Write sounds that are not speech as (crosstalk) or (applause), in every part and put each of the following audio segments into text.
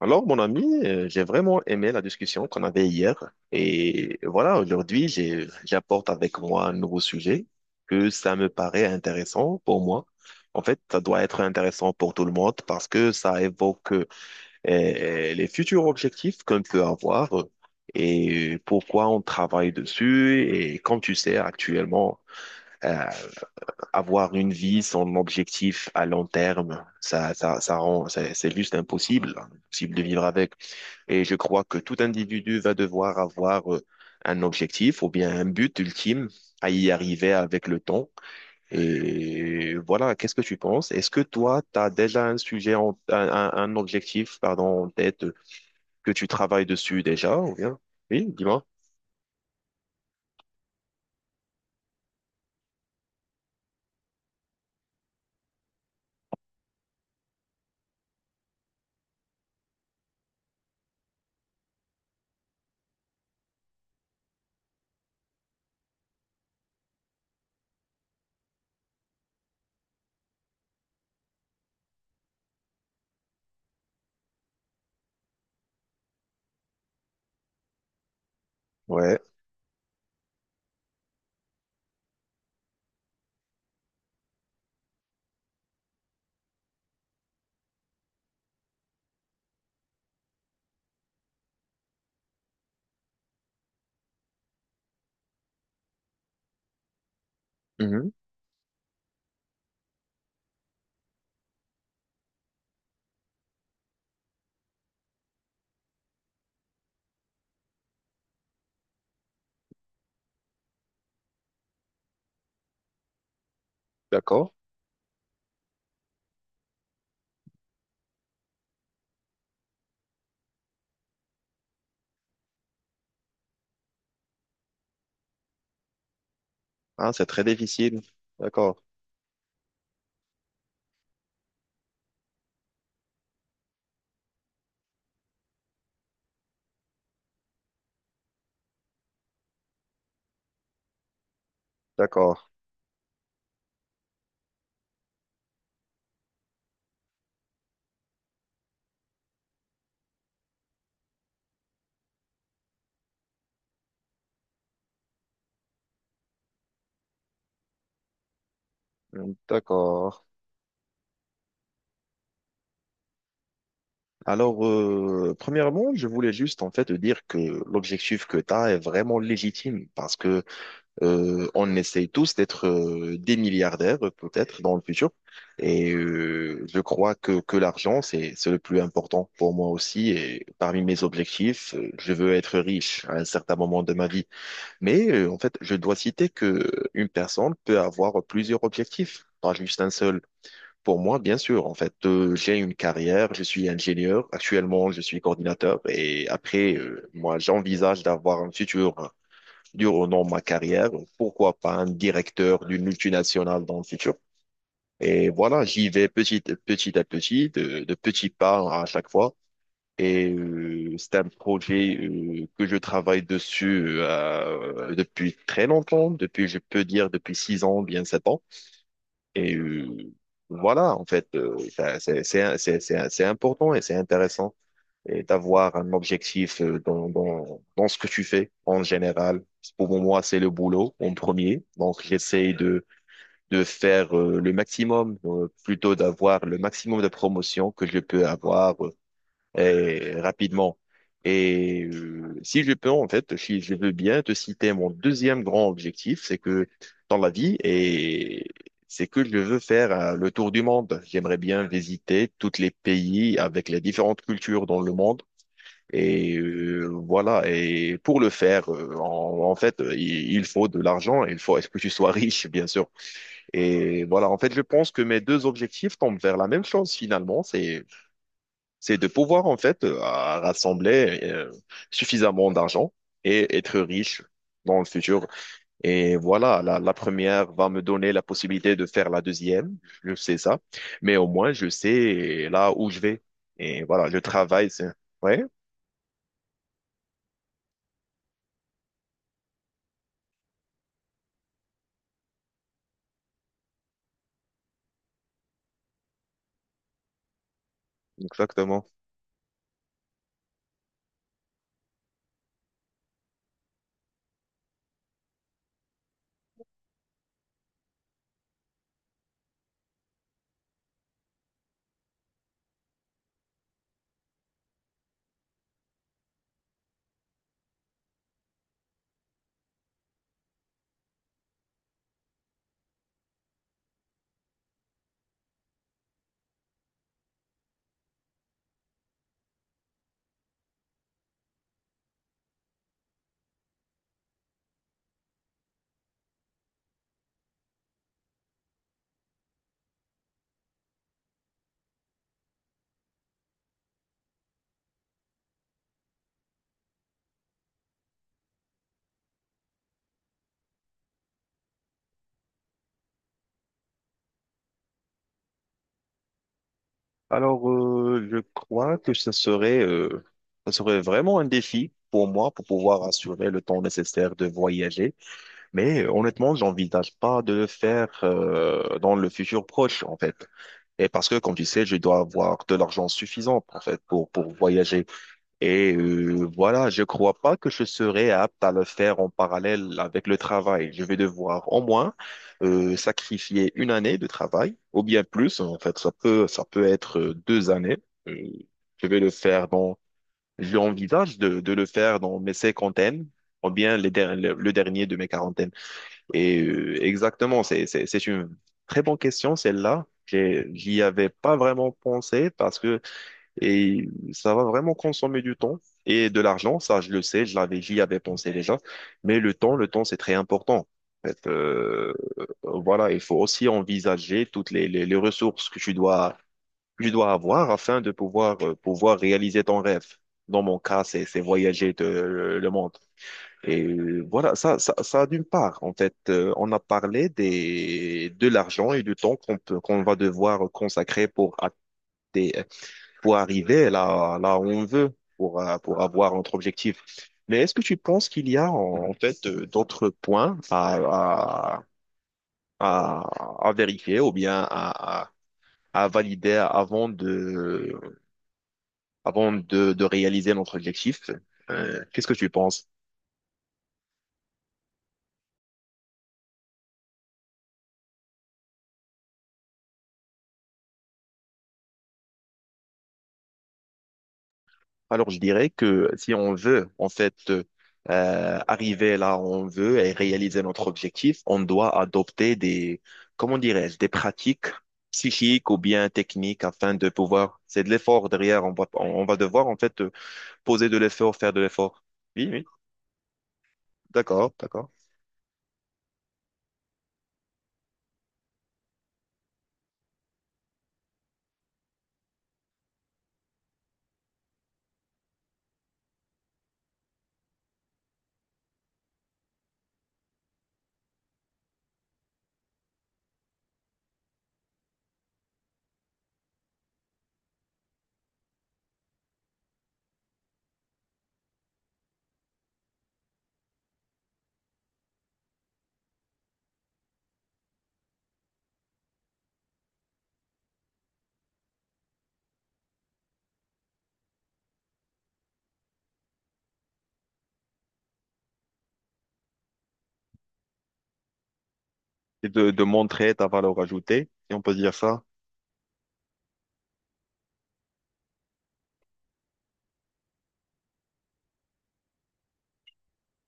Alors, mon ami, j'ai vraiment aimé la discussion qu'on avait hier. Et voilà, aujourd'hui, j'apporte avec moi un nouveau sujet que ça me paraît intéressant pour moi. En fait, ça doit être intéressant pour tout le monde parce que ça évoque les futurs objectifs qu'on peut avoir et pourquoi on travaille dessus. Et comme tu sais, actuellement, euh, avoir une vie sans objectif à long terme, ça rend, c'est juste impossible, impossible de vivre avec. Et je crois que tout individu va devoir avoir un objectif ou bien un but ultime à y arriver avec le temps. Et voilà, qu'est-ce que tu penses? Est-ce que toi, tu as déjà un sujet, un objectif, pardon, en tête que tu travailles dessus déjà ou bien? Oui, dis-moi. Ouais. Mhm. D'accord. Ah, c'est très difficile. D'accord. D'accord. D'accord. Alors, premièrement, je voulais juste en fait te dire que l'objectif que tu as est vraiment légitime parce que on essaye tous d'être des milliardaires peut-être dans le futur et je crois que l'argent c'est le plus important pour moi aussi et parmi mes objectifs, je veux être riche à un certain moment de ma vie. Mais en fait, je dois citer que une personne peut avoir plusieurs objectifs, pas juste un seul. Pour moi, bien sûr, en fait, j'ai une carrière, je suis ingénieur, actuellement je suis coordinateur et après, moi, j'envisage d'avoir un futur hein, durant ma carrière, pourquoi pas un directeur d'une multinationale dans le futur. Et voilà, j'y vais petit, petit à petit, de petits pas à chaque fois. Et c'est un projet que je travaille dessus depuis très longtemps, depuis, je peux dire, depuis six ans, bien sept ans. Et voilà, en fait, c'est important et c'est intéressant et d'avoir un objectif dans ce que tu fais en général. Pour moi, c'est le boulot en premier. Donc, de faire le maximum, plutôt d'avoir le maximum de promotions que je peux avoir rapidement. Et si je peux, en fait, si je veux bien te citer mon deuxième grand objectif, c'est que dans la vie, et c'est que je veux faire le tour du monde. J'aimerais bien visiter tous les pays avec les différentes cultures dans le monde. Et voilà. Et pour le faire, en fait, il faut de l'argent. Il faut, est-ce que tu sois (laughs) riche, bien sûr. Et voilà. En fait, je pense que mes deux objectifs tombent vers la même chose finalement. C'est de pouvoir en fait à rassembler suffisamment d'argent et être riche dans le futur. Et voilà, la première va me donner la possibilité de faire la deuxième, je sais ça, mais au moins je sais là où je vais. Et voilà, le travail, c'est... Ouais, exactement. Alors, je crois que ça serait vraiment un défi pour moi pour pouvoir assurer le temps nécessaire de voyager. Mais honnêtement, j'envisage pas de le faire dans le futur proche, en fait. Et parce que, comme tu sais, je dois avoir de l'argent suffisant, en fait, pour voyager. Et voilà, je crois pas que je serai apte à le faire en parallèle avec le travail. Je vais devoir au moins sacrifier une année de travail, ou bien plus, en fait, ça peut être deux années. Euh, je vais le faire dans, j'envisage de le faire dans mes cinquantaines, ou bien les der- le dernier de mes quarantaines. Et exactement, c'est une très bonne question, celle-là. J'y avais pas vraiment pensé parce que et ça va vraiment consommer du temps et de l'argent. Ça, je le sais, j'y avais pensé déjà. Mais le temps, c'est très important. En fait, voilà, il faut aussi envisager toutes les ressources que tu dois avoir afin de pouvoir, pouvoir réaliser ton rêve. Dans mon cas, c'est voyager de- le monde. Et voilà, ça d'une part, en fait, on a parlé des, de l'argent et du temps qu'on va devoir consacrer pour, atte- pour arriver là, là où on veut, pour avoir notre objectif. Mais est-ce que tu penses qu'il y a, en fait, d'autres points à vérifier ou bien à valider avant avant de réaliser notre objectif? Qu'est-ce que tu penses? Alors, je dirais que si on veut, en fait, arriver là où on veut et réaliser notre objectif, on doit adopter des, comment dirais-je, des pratiques psychiques ou bien techniques afin de pouvoir, c'est de l'effort derrière, on va devoir, en fait, poser de l'effort, faire de l'effort. Oui, oui, d'accord, d'accord. Et de montrer ta valeur ajoutée, si on peut dire ça.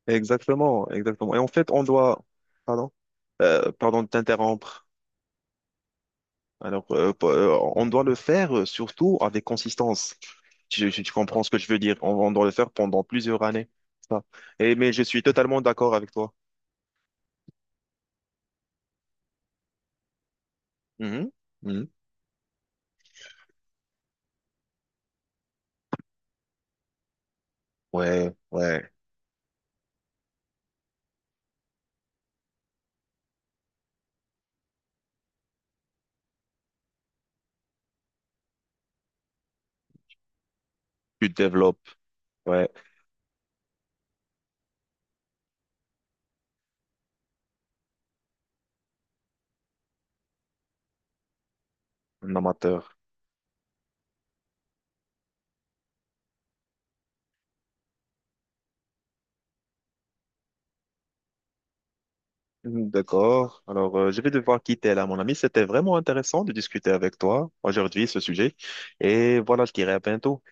Exactement, exactement. Et en fait, on doit, pardon, pardon de t'interrompre. Alors, on doit le faire surtout avec consistance. Tu comprends ce que je veux dire. On doit le faire pendant plusieurs années. Ça. Et, mais je suis totalement d'accord avec toi. Mhm. Mhm. Ouais, ouais. Tu te développes. Ouais, un amateur. Mhm, d'accord. Alors, je vais devoir quitter là, mon ami. C'était vraiment intéressant de discuter avec toi aujourd'hui ce sujet. Et voilà, je dirai à bientôt.